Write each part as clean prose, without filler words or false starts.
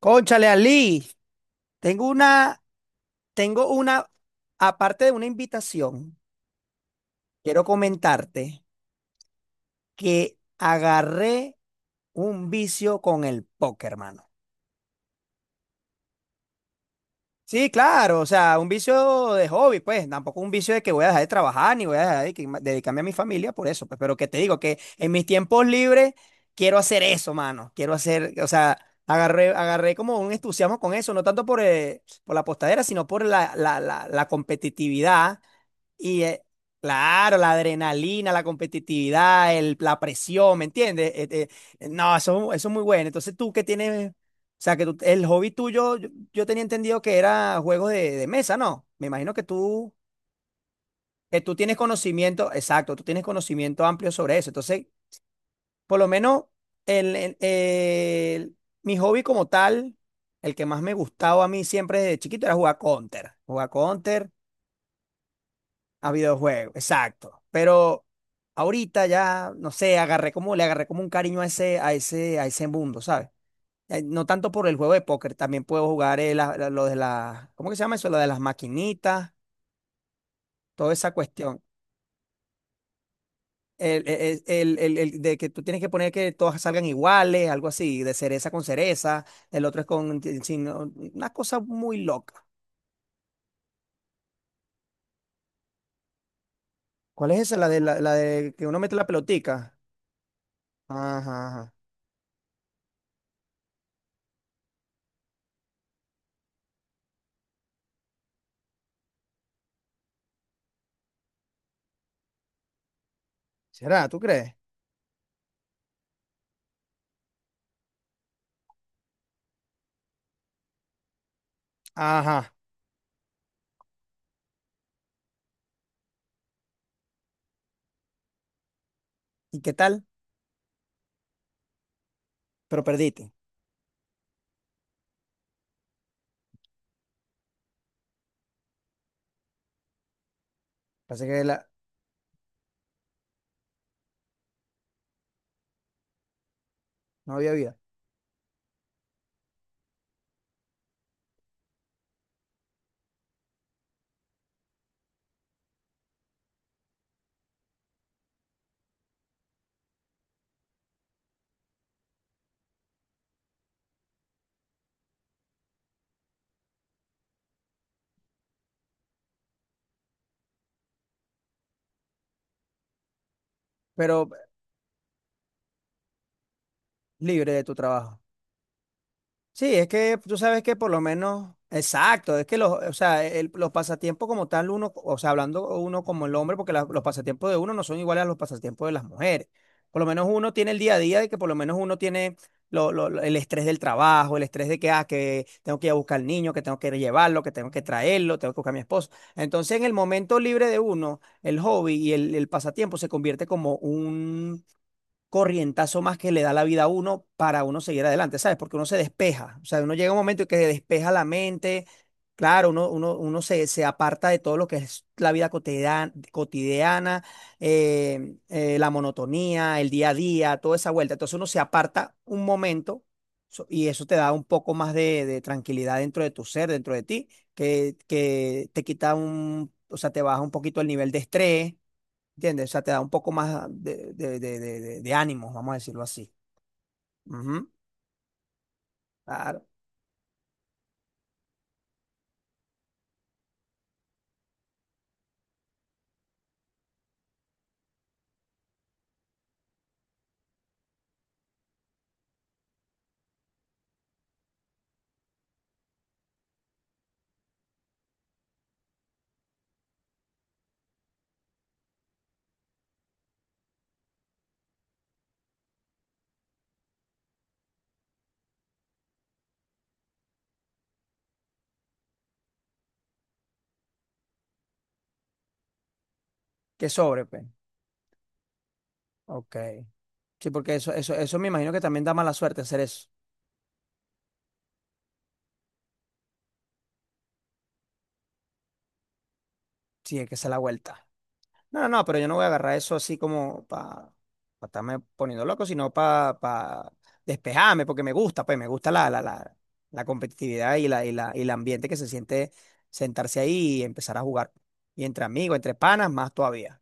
Cónchale, Ali, tengo una, tengo una, aparte de una invitación, quiero comentarte que agarré un vicio con el póker, hermano. Sí, claro, o sea, un vicio de hobby, pues, tampoco un vicio de que voy a dejar de trabajar ni voy a dejar de dedicarme a mi familia por eso, pues, pero que te digo que en mis tiempos libres quiero hacer eso, mano, quiero hacer, o sea, agarré como un entusiasmo con eso, no tanto por la postadera, sino por la competitividad. Y eh, claro, la adrenalina, la competitividad, la presión, ¿me entiendes? No, eso es muy bueno. Entonces tú que tienes, o sea, que el hobby tuyo, yo tenía entendido que era juegos de mesa, ¿no? Me imagino que tú tienes conocimiento, exacto, tú tienes conocimiento amplio sobre eso. Entonces, por lo menos, el, el- el- mi hobby como tal, el que más me gustaba a mí siempre desde chiquito era jugar Counter. Jugar Counter. A videojuegos, exacto. Pero ahorita ya, no sé, agarré como, le agarré como un cariño a ese, mundo, ¿sabes? No tanto por el juego de póker, también puedo jugar lo de las, ¿cómo que se llama eso? Lo de las maquinitas, toda esa cuestión. El de que tú tienes que poner que todas salgan iguales, algo así, de cereza con cereza, el otro es con, una cosa muy loca. ¿Cuál es esa? La de, la de que uno mete la pelotica. Ajá, ajá. ¿Será? ¿Tú crees? Ajá. ¿Y qué tal? Pero perdiste. Así que no había vida. Pero libre de tu trabajo. Sí, es que tú sabes que por lo menos, exacto, es que los, o sea, los pasatiempos como tal, uno, o sea, hablando uno como el hombre, porque los pasatiempos de uno no son iguales a los pasatiempos de las mujeres. Por lo menos uno tiene el día a día de que por lo menos uno tiene el estrés del trabajo, el estrés de que, ah, que tengo que ir a buscar al niño, que tengo que llevarlo, que tengo que traerlo, tengo que buscar a mi esposo. Entonces, en el momento libre de uno, el hobby y el pasatiempo se convierte como un corrientazo más que le da la vida a uno para uno seguir adelante, ¿sabes? Porque uno se despeja, o sea, uno llega a un momento en que se despeja la mente, claro, uno se aparta de todo lo que es la vida cotidiana, la monotonía, el día a día, toda esa vuelta. Entonces uno se aparta un momento y eso te da un poco más de tranquilidad dentro de tu ser, dentro de ti, que te quita un, o sea, te baja un poquito el nivel de estrés. ¿Entiendes? O sea, te da un poco más de ánimos, vamos a decirlo así. Ujú. Claro. Que sobre, pues. Ok. Sí, porque eso me imagino que también da mala suerte hacer eso. Sí, es que se la vuelta. No, no, no, pero yo no voy a agarrar eso así como para estarme poniendo loco, sino para pa pa despejarme, porque me gusta, pues me gusta la competitividad y el ambiente que se siente sentarse ahí y empezar a jugar. Y entre amigos, entre panas, más todavía.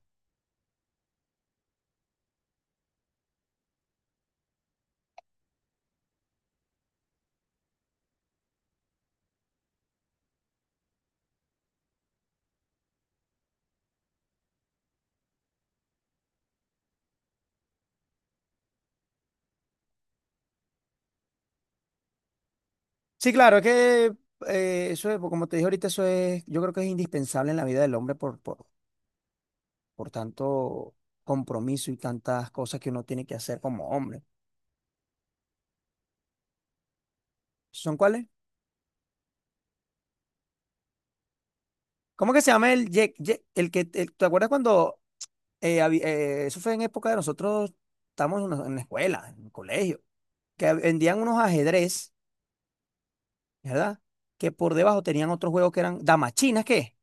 Sí, claro, es que eso es, como te dije ahorita, eso es, yo creo que es indispensable en la vida del hombre por tanto compromiso y tantas cosas que uno tiene que hacer como hombre. ¿Son cuáles? ¿Cómo que se llama el, el que, te acuerdas cuando, eso fue en época de nosotros, estamos en la escuela, en el colegio, que vendían unos ajedrez, ¿verdad? Que por debajo tenían otros juegos que eran damas chinas. ¿Qué?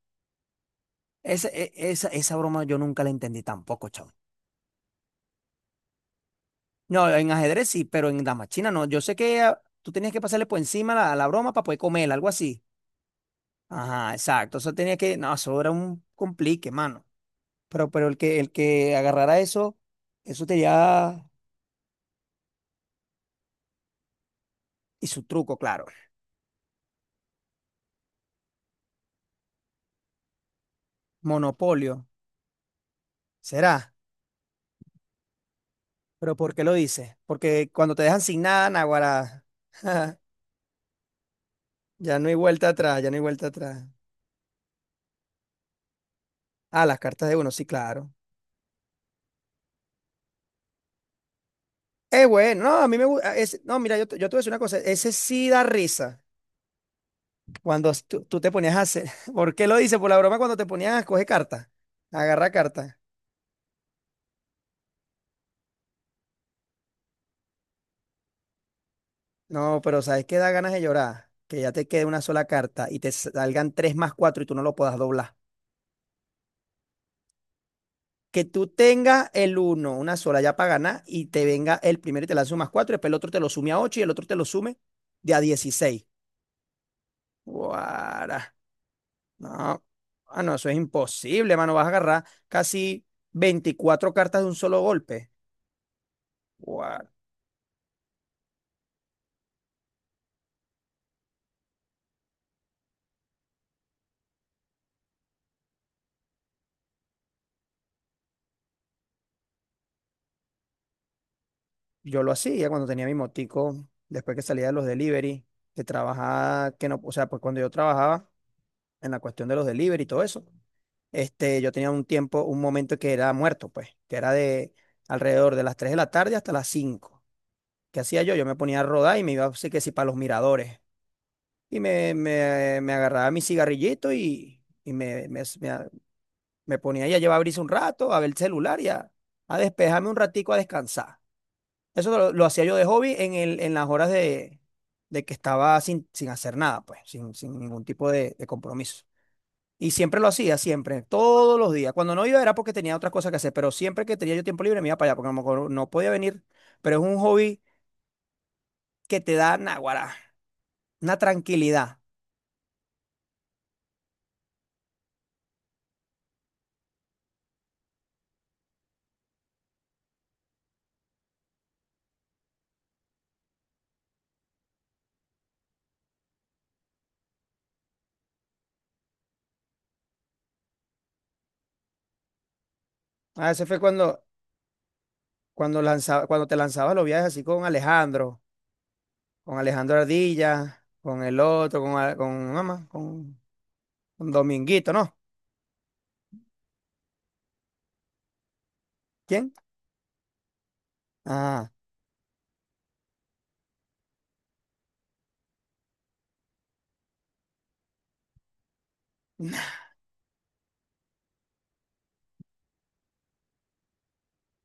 Esa, esa, esa broma yo nunca la entendí tampoco, chavo. No, en ajedrez sí, pero en damas chinas no. Yo sé que ah, tú tenías que pasarle por encima la broma para poder comer, algo así. Ajá, exacto. Eso tenía que. No, eso era un complique, mano. Pero el que agarrara eso, eso tenía. Y su truco, claro. Monopolio. ¿Será? ¿Pero por qué lo dices? Porque cuando te dejan sin nada, naguará. Ya no hay vuelta atrás, ya no hay vuelta atrás. Ah, las cartas de uno, sí, claro. Bueno, no, a mí me gusta. No, mira, yo te voy a decir una cosa. Ese sí da risa. Cuando tú te ponías a hacer, ¿por qué lo dices? Por la broma cuando te ponías a escoger carta, agarra carta. No, pero ¿sabes qué da ganas de llorar? Que ya te quede una sola carta y te salgan tres más cuatro y tú no lo puedas doblar. Que tú tengas el uno, una sola ya para ganar y te venga el primero y te lance un más cuatro, y después el otro te lo sume a ocho y el otro te lo sume de a 16. Guara. No, no, eso es imposible, mano. Vas a agarrar casi 24 cartas de un solo golpe. Yo lo hacía cuando tenía mi motico, después que salía de los delivery, que trabajaba, que no, o sea, pues cuando yo trabajaba en la cuestión de los delivery y todo eso, este, yo tenía un tiempo, un momento que era muerto, pues, que era de alrededor de las 3 de la tarde hasta las 5. ¿Qué hacía yo? Yo me ponía a rodar y me iba, así que sí, para los miradores. Y me agarraba mi cigarrillito y, me ponía ahí a llevar brisa un rato, a ver el celular y a despejarme un ratico, a descansar. Eso lo hacía yo de hobby en el, en las horas de que estaba sin, sin hacer nada, pues, sin, sin ningún tipo de compromiso. Y siempre lo hacía, siempre, todos los días. Cuando no iba era porque tenía otras cosas que hacer, pero siempre que tenía yo tiempo libre me iba para allá, porque a lo mejor no podía venir, pero es un hobby que te da náguara, una tranquilidad. A veces fue cuando, cuando, lanzaba, cuando te lanzabas los viajes así con Alejandro Ardilla, con el otro, con, con mamá, con Dominguito, ¿no? ¿Quién? Ah.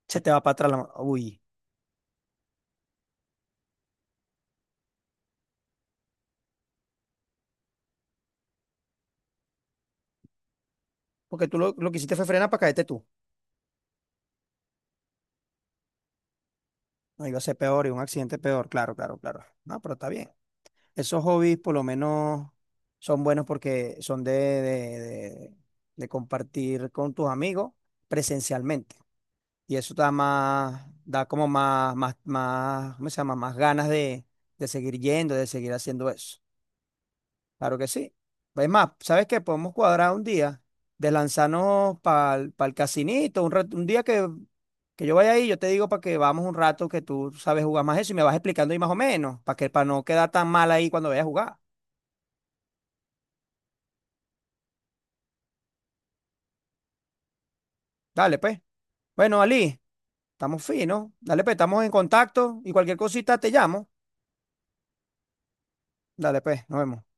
Se te va para atrás la mano. Uy, porque tú lo que hiciste fue frenar para caerte tú. No iba a ser peor y un accidente peor, claro, claro, claro. No, pero está bien. Esos hobbies por lo menos son buenos porque son de, de compartir con tus amigos presencialmente. Y eso da más, da como más, más, más, ¿cómo se llama? Más ganas de seguir yendo, de seguir haciendo eso. Claro que sí. Es más, ¿sabes qué? Podemos cuadrar un día de lanzarnos para el casinito, un, un día que yo vaya ahí, yo te digo para que vamos un rato que tú sabes jugar más eso y me vas explicando ahí más o menos, para que para no quedar tan mal ahí cuando vayas a jugar. Dale, pues. Bueno, Ali, estamos finos. Dale, pues, estamos en contacto y cualquier cosita te llamo. Dale, pues, nos vemos.